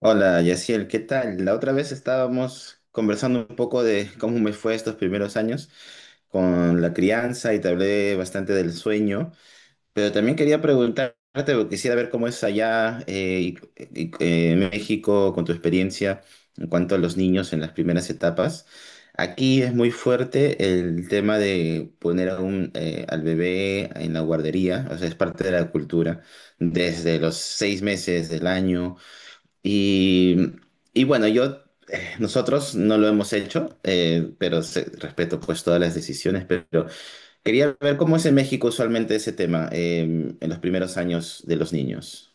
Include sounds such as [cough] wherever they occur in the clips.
Hola, Yaciel, ¿qué tal? La otra vez estábamos conversando un poco de cómo me fue estos primeros años con la crianza y te hablé bastante del sueño, pero también quería preguntarte, porque quisiera ver cómo es allá en México con tu experiencia en cuanto a los niños en las primeras etapas. Aquí es muy fuerte el tema de poner a al bebé en la guardería, o sea, es parte de la cultura desde los 6 meses del año y, y bueno, nosotros no lo hemos hecho, pero respeto pues todas las decisiones, pero quería ver cómo es en México usualmente ese tema, en los primeros años de los niños.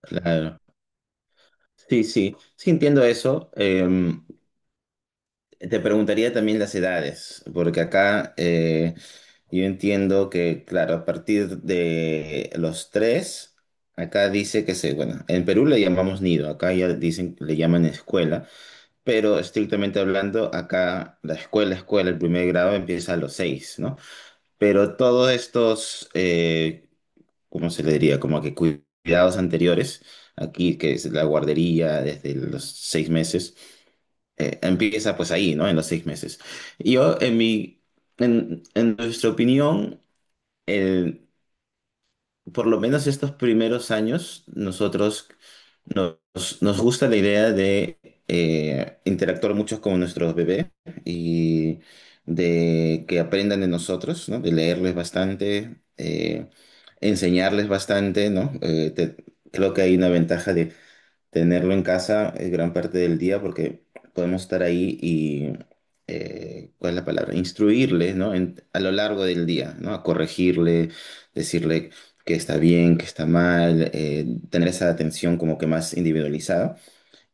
Claro. Sí, sí, sí entiendo eso. Te preguntaría también las edades, porque acá yo entiendo que, claro, a partir de los tres, acá dice que se, bueno, en Perú le llamamos nido, acá ya dicen, le llaman escuela. Pero estrictamente hablando, acá la escuela, escuela, el primer grado empieza a los 6, ¿no? Pero todos estos, ¿cómo se le diría? Como que cuidados anteriores, aquí que es la guardería desde los 6 meses, empieza pues ahí, ¿no? En los 6 meses. Yo, en mi, en nuestra opinión, el- por lo menos estos primeros años, nos, nos gusta la idea de interactuar mucho con nuestros bebés y de que aprendan de nosotros, ¿no? De leerles bastante, enseñarles bastante, ¿no? Creo que hay una ventaja. Tenerlo en casa es gran parte del día porque podemos estar ahí y, ¿cuál es la palabra? Instruirle, ¿no? A lo largo del día, ¿no? A corregirle, decirle que está bien, que está mal, tener esa atención como que más individualizada.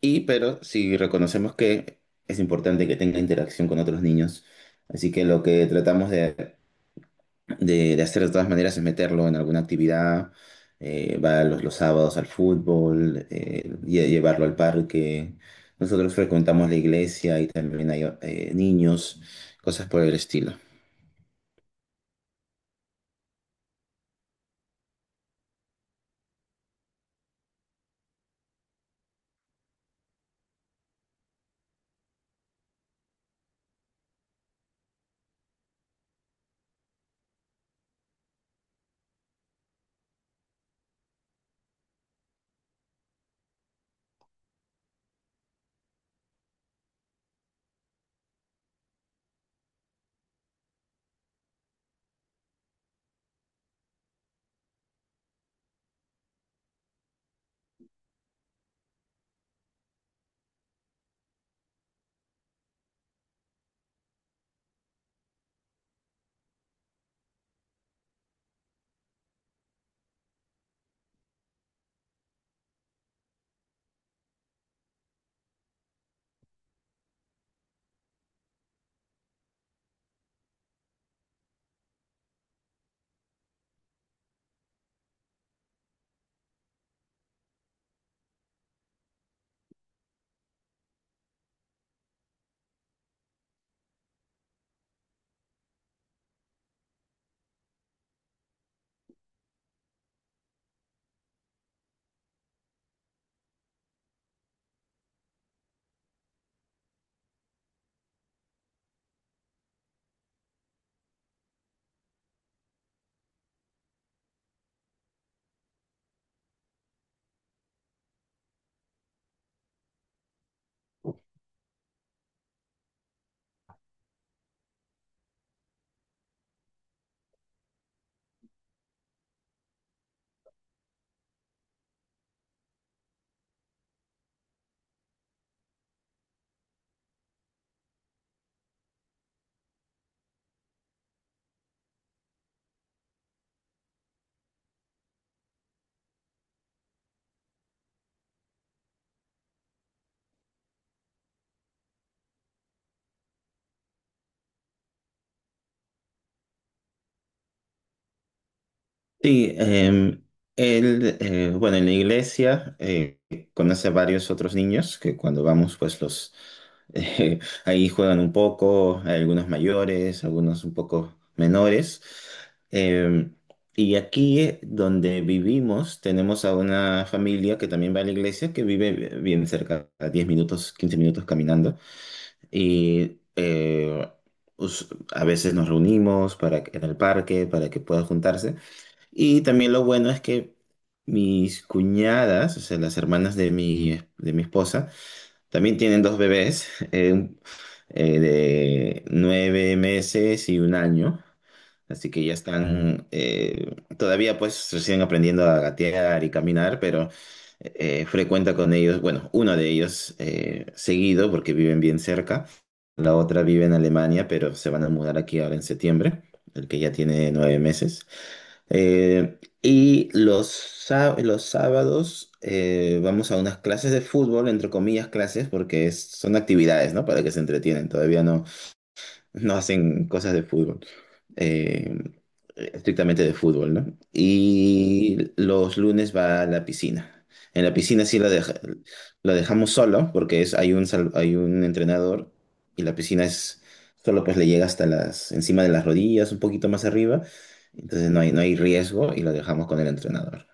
Y, pero si reconocemos que es importante que tenga interacción con otros niños, así que lo que tratamos de hacer de todas maneras es meterlo en alguna actividad, va los sábados al fútbol, llevarlo al parque. Nosotros frecuentamos la iglesia y también hay niños, cosas por el estilo. Sí, él, bueno, en la iglesia conoce a varios otros niños que cuando vamos pues los, Eh, [laughs] ahí juegan un poco, hay algunos mayores, algunos un poco menores. Eh, y aquí donde vivimos tenemos a una familia que también va a la iglesia, que vive bien cerca, a 10 minutos, 15 minutos caminando. Y us- a veces nos reunimos en el parque para que puedan juntarse. Y también lo bueno es que mis cuñadas, o sea, las hermanas de mi esposa, también tienen dos bebés, de 9 meses y un año, así que ya están, todavía pues recién aprendiendo a gatear y caminar, pero frecuenta con ellos, bueno, uno de ellos seguido porque viven bien cerca, la otra vive en Alemania, pero se van a mudar aquí ahora en septiembre, el que ya tiene 9 meses. Y los sábados vamos a unas clases de fútbol, entre comillas clases, porque son actividades, ¿no? Para que se entretienen. Todavía no, no hacen cosas de fútbol, eh, estrictamente de fútbol, ¿no? Y los lunes va a la piscina. En la piscina la dejamos solo porque es, hay un, hay un entrenador y la piscina es solo, pues le llega hasta las, encima de las rodillas, un poquito más arriba. Entonces no hay, no hay riesgo y lo dejamos con el entrenador.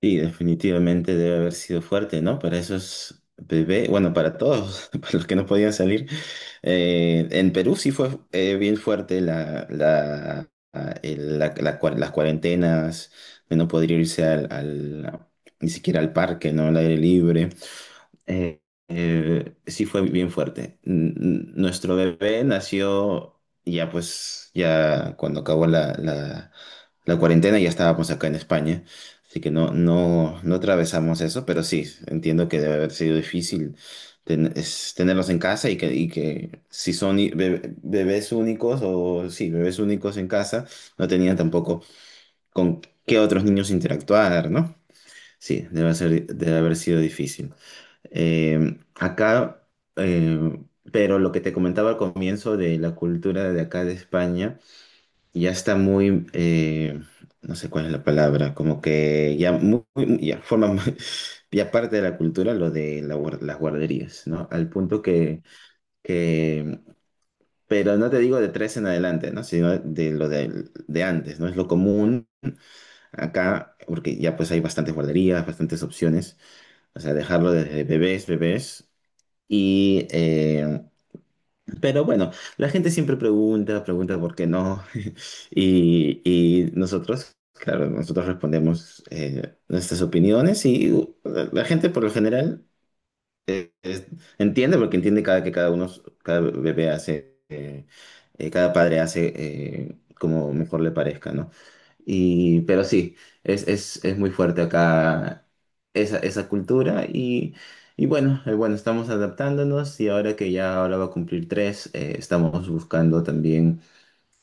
Sí, definitivamente debe haber sido fuerte, ¿no? Para esos bebés, bueno, para todos, [laughs] para los que no podían salir. En Perú sí fue bien fuerte la, la, ah, el- la- la cua- las cuarentenas, de no poder ni siquiera al parque, ¿no? Al aire libre. Eh, sí fue bien fuerte. Nuestro bebé nació ya pues, ya cuando acabó la cuarentena, ya estábamos acá en España, así que no, no, no atravesamos eso, pero sí, entiendo que debe haber sido difícil ten- es tenerlos en casa y que si son bebés únicos o sí, bebés únicos en casa, no tenían tampoco con qué otros niños interactuar, ¿no? Sí, debe ser, debe haber sido difícil. Eh, acá, eh, pero lo que te comentaba al comienzo de la cultura de acá de España, ya está muy, no sé cuál es la palabra, como que ya, ya forma [laughs] ya parte de la cultura lo de la las guarderías, ¿no? Al punto que, que, em, pero no te digo de tres en adelante, ¿no? Sino de lo de antes, ¿no? Es lo común acá, porque ya pues hay bastantes guarderías, bastantes opciones, o sea, dejarlo desde bebés, bebés. Y, eh, pero bueno, la gente siempre pregunta, pregunta por qué no. [laughs] Y nosotros, claro, nosotros respondemos nuestras opiniones y la gente por lo general eh, es- entiende porque entiende cada que cada uno, cada bebé hace, cada padre hace como mejor le parezca, ¿no? Y, pero sí, es muy fuerte acá esa, esa cultura y bueno, bueno, estamos adaptándonos y ahora que ya ahora va a cumplir tres, estamos buscando también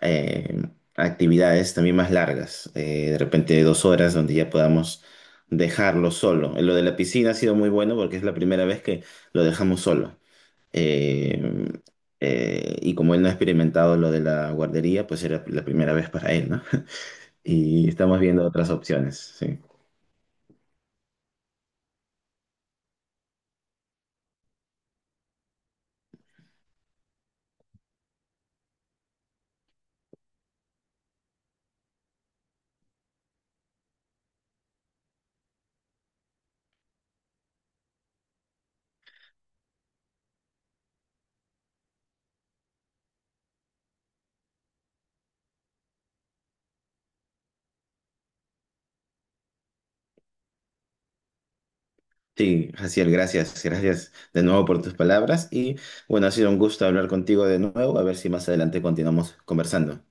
eh, actividades también más largas, de repente 2 horas donde ya podamos dejarlo solo. Lo de la piscina ha sido muy bueno porque es la primera vez que lo dejamos solo. Eh, y como él no ha experimentado lo de la guardería, pues era la primera vez para él, ¿no? [laughs] Y estamos viendo otras opciones, sí. Sí, Jaciel, gracias, gracias de nuevo por tus palabras y bueno, ha sido un gusto hablar contigo de nuevo, a ver si más adelante continuamos conversando.